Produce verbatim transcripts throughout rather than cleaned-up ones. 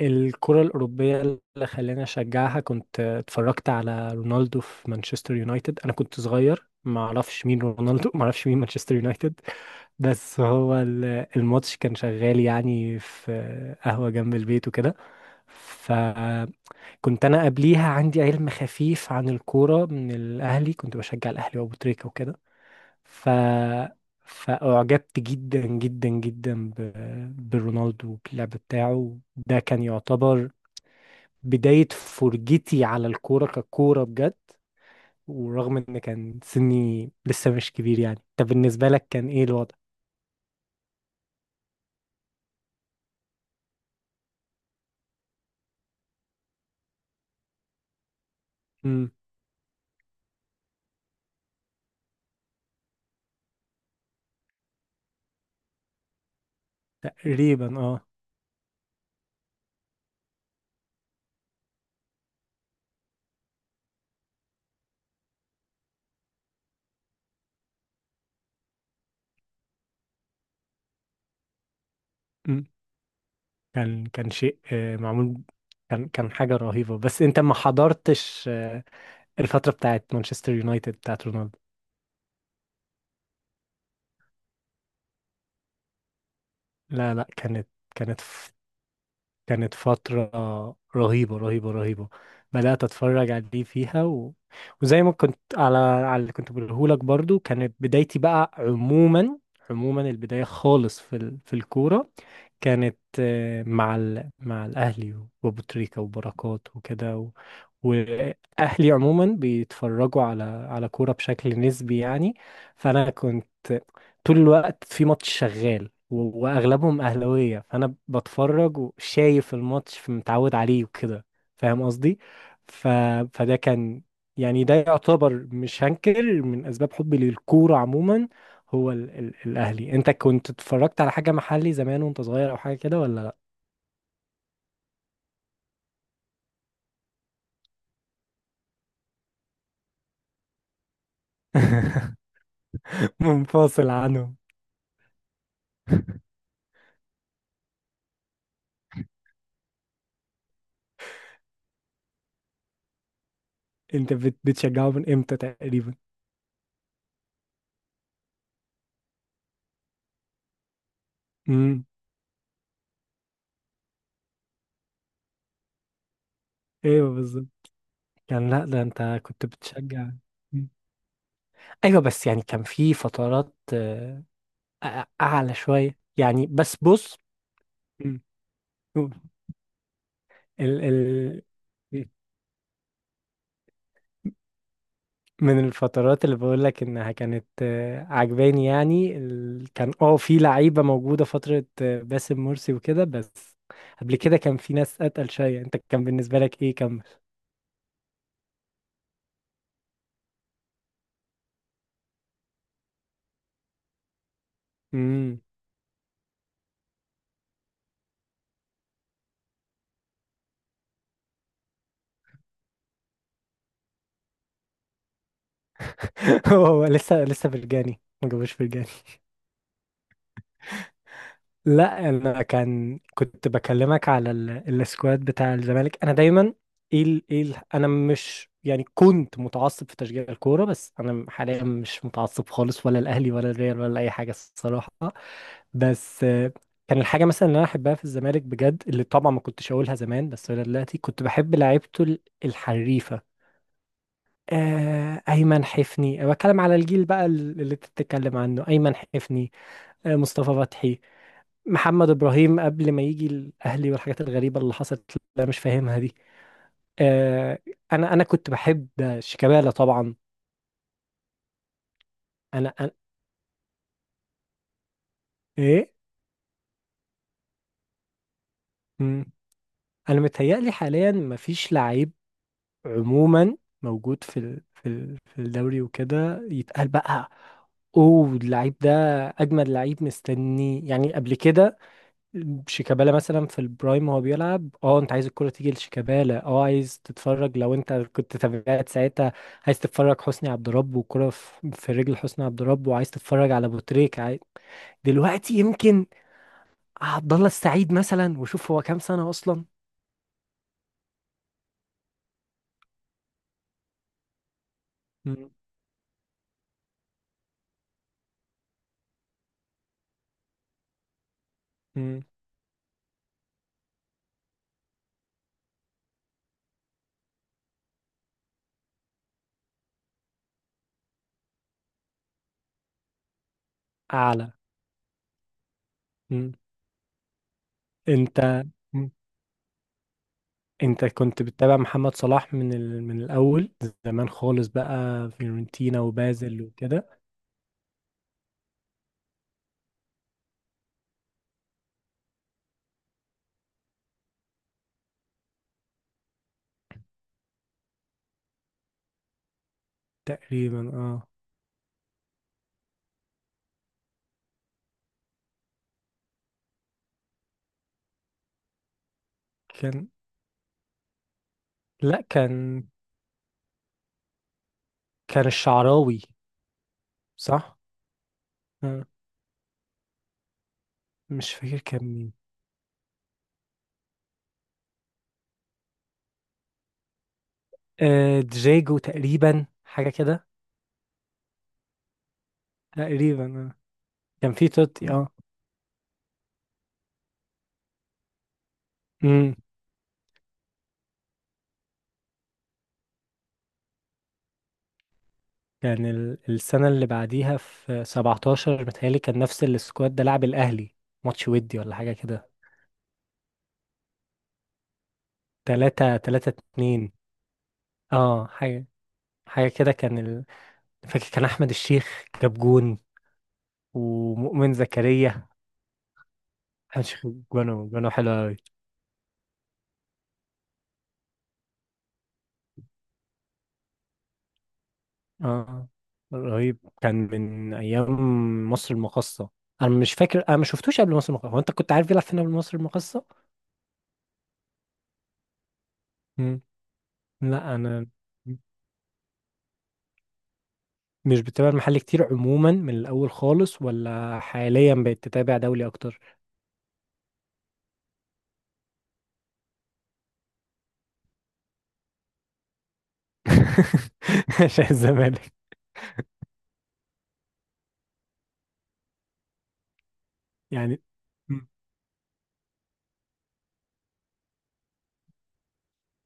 الكرة الأوروبية اللي خلاني أشجعها، كنت اتفرجت على رونالدو في مانشستر يونايتد. أنا كنت صغير، ما أعرفش مين رونالدو، ما أعرفش مين مانشستر يونايتد. بس هو ال- الماتش كان شغال يعني في قهوة جنب البيت وكده. فكنت أنا قبليها عندي علم خفيف عن الكورة من الأهلي، كنت بشجع الأهلي وأبو تريكة وكده. ف فأعجبت جدا جدا جدا ب... برونالدو وباللعب بتاعه. ده كان يعتبر بداية فرجتي على الكورة ككورة بجد. ورغم ان كان سني لسه مش كبير يعني. طب بالنسبة لك كان ايه الوضع؟ امم. تقريبا اه. مم. كان كان شيء آه، معمول. كان كان حاجة رهيبة. بس انت ما حضرتش آه، الفترة بتاعت مانشستر يونايتد بتاعت رونالدو. لا لا، كانت كانت كانت فترة رهيبة رهيبة رهيبة. بدأت أتفرج عليه فيها و... وزي ما كنت على على اللي كنت بقولهولك برضو. كانت بدايتي بقى عموما، عموما البداية خالص في ال... في الكورة. كانت آه، مع ال... مع الأهلي وأبو تريكة وبركات وكده و... وأهلي عموما بيتفرجوا على على كورة بشكل نسبي يعني. فأنا كنت طول الوقت في ماتش شغال، و- واغلبهم اهلاويه، فانا بتفرج وشايف الماتش فمتعود عليه وكده. فاهم قصدي؟ ف... فده كان، يعني ده يعتبر مش هنكر من اسباب حبي للكوره عموما. هو ال... ال... الاهلي. انت كنت اتفرجت على حاجه محلي زمان وانت صغير او حاجه كده ولا لا؟ منفصل عنهم. انت بت... بتشجعه من امتى تقريبا؟ امم. ايوه بالظبط. كان، لا ده انت كنت بتشجع. مم. ايوه، بس يعني كان في فترات أ- اعلى شويه يعني. بس بص. مم. ال ال مم. من الفترات اللي بقول لك انها كانت آه، عجباني يعني. ال... كان اه في لعيبه موجوده فتره آه، باسم مرسي وكده بس، قبل كده كان في ناس اتقل شويه. انت كان بالنسبه لك ايه؟ كمل. امم. هو هو لسه لسه فرجاني، ما جابوش فرجاني. لا انا كان كنت بكلمك على ال- السكواد بتاع الزمالك، انا دايما ايه ال... ايه ال... انا مش يعني كنت متعصب في تشجيع الكوره، بس انا حاليا مش متعصب خالص، ولا الاهلي ولا الريال ولا اي حاجه الصراحه. بس آه، كان الحاجه مثلا اللي انا احبها في الزمالك بجد، اللي طبعا ما كنتش اقولها زمان بس ولا دلوقتي، كنت بحب لعيبته ال- الحريفه. آه، ايمن حفني. أنا بتكلم على الجيل بقى اللي انت بتتكلم عنه، ايمن حفني، آه، مصطفى فتحي، محمد ابراهيم، قبل ما يجي الاهلي والحاجات الغريبه اللي حصلت اللي انا مش فاهمها دي. آه. انا انا كنت بحب شيكابالا طبعا. انا, أنا ايه. مم. انا متهيألي حاليا مفيش لعيب عموما موجود في ال... في ال... في الدوري وكده يتقال بقى. اوه، اللعيب ده اجمد لعيب مستني يعني قبل كده. شيكابالا مثلا في البرايم وهو بيلعب، اه انت عايز الكرة تيجي لشيكابالا، اه عايز تتفرج لو انت كنت تابعت ساعتها. عايز تتفرج حسني عبد رب والكرة في في رجل حسني عبد رب، وعايز تتفرج على ابو تريكة عاي- دلوقتي يمكن عبد الله السعيد مثلا، وشوف هو كام سنة اصلا. مم. مم. اعلى. مم. انت. مم. انت كنت بتتابع محمد صلاح من ال... من الاول، زمان خالص بقى فيورنتينا وبازل وكده؟ تقريبا اه. كان، لا، كان كان الشعراوي، صح؟ آه، مش فاكر كان مين. آه، دجاجو تقريبا، حاجة كده. تقريبا آه. كان في توتي. اه. امم. كان ال- السنة اللي بعديها في سبعتاشر متهيألي، كان نفس السكواد ده لعب الأهلي ماتش ودي ولا حاجة كده. تلاتة، تلاتة اتنين. اه، حاجة حاجة كده كان ال... فاكر كان أحمد الشيخ جاب جون ومؤمن زكريا. أحمد الشيخ جونه، جونه حلو أوي. اه، رهيب كان من ايام مصر المقاصة. انا مش فاكر، انا ما شفتوش قبل مصر المقاصة. هو انت كنت عارف يلعب فين قبل مصر المقاصة؟ مم. لا انا مش بتابع المحل كتير عموما من الاول خالص، ولا حاليا بقيت تتابع دولي اكتر. عشان الزمالك يعني. مم.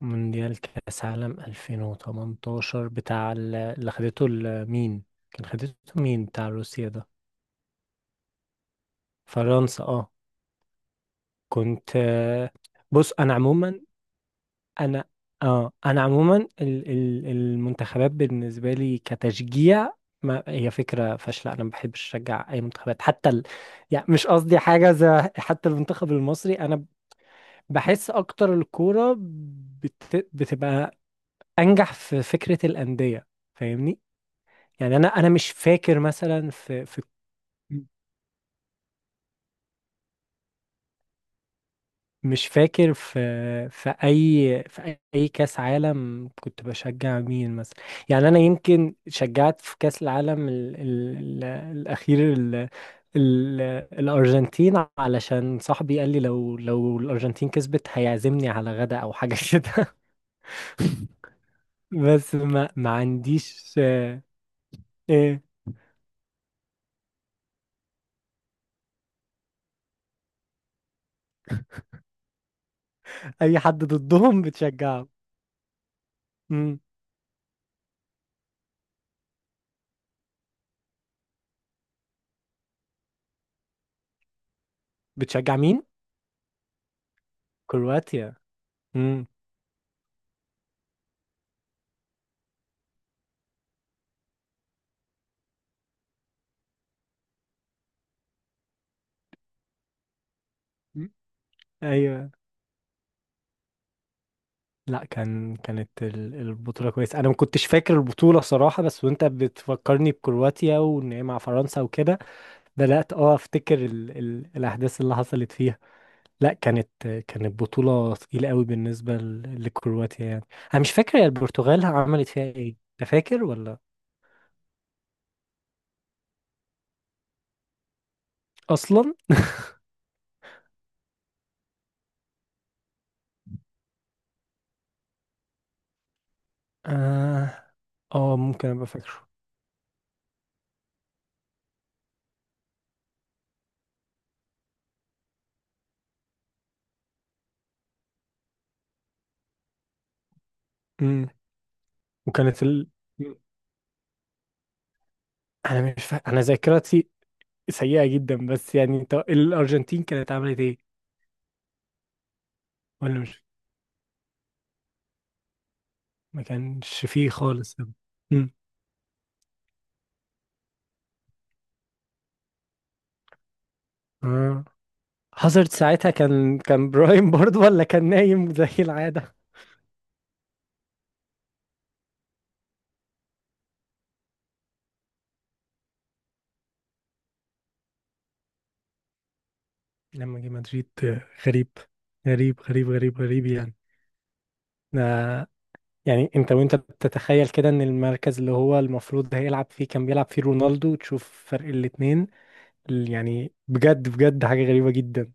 مونديال كاس عالم ألفين وتمنتاشر، بتاع ال- اللي خدته ال- مين؟ كان خدته مين بتاع روسيا ده؟ فرنسا اه. كنت آه، بص انا عموما، انا اه انا عموما ال- ال- المنتخبات بالنسبه لي كتشجيع، ما هي فكره فاشله. انا ما بحبش اشجع اي منتخبات، حتى ال... يعني مش قصدي حاجه زي، حتى المنتخب المصري انا بحس اكتر الكوره بت... بتبقى انجح في فكره الانديه، فاهمني؟ يعني انا انا مش فاكر مثلا في في مش فاكر في في اي في اي كاس عالم كنت بشجع مين مثلا. يعني انا يمكن شجعت في كاس العالم ال ال ال الاخير، ال ال الارجنتين، علشان صاحبي قال لي لو لو الارجنتين كسبت هيعزمني على غدا او حاجه كده. بس ما ما عنديش آه، إيه. اي حد ضدهم بتشجعه؟ امم. بتشجع مين؟ كرواتيا. امم. ايوه، لا كان كانت ال- البطولة كويسة. أنا ما كنتش فاكر البطولة صراحة، بس وأنت بتفكرني بكرواتيا وإن هي مع فرنسا وكده، بدأت أه أفتكر ال ال الأحداث اللي حصلت فيها. لا كانت كانت بطولة تقيلة قوي بالنسبة ل- لكرواتيا يعني. أنا مش فاكر، هي البرتغال عملت فيها إيه؟ أنت فاكر ولا؟ أصلا. آه. آه، ممكن أبقى فاكره. أمم. وكانت ال مم. أنا مش فاكر، أنا ذاكرتي سيئة جدا. بس يعني أنت الأرجنتين كانت عملت إيه؟ ولا مش، ما كانش فيه خالص. امم. اه، هازارد ساعتها كان كان برايم برضه، ولا كان نايم زي العادة؟ لما جه مدريد آه، غريب، غريب غريب غريب غريب يعني. آه، يعني انت وانت بتتخيل كده ان المركز اللي هو المفروض هيلعب فيه كان بيلعب فيه رونالدو، تشوف فرق الاتنين. ال- يعني بجد بجد حاجة غريبة جدا.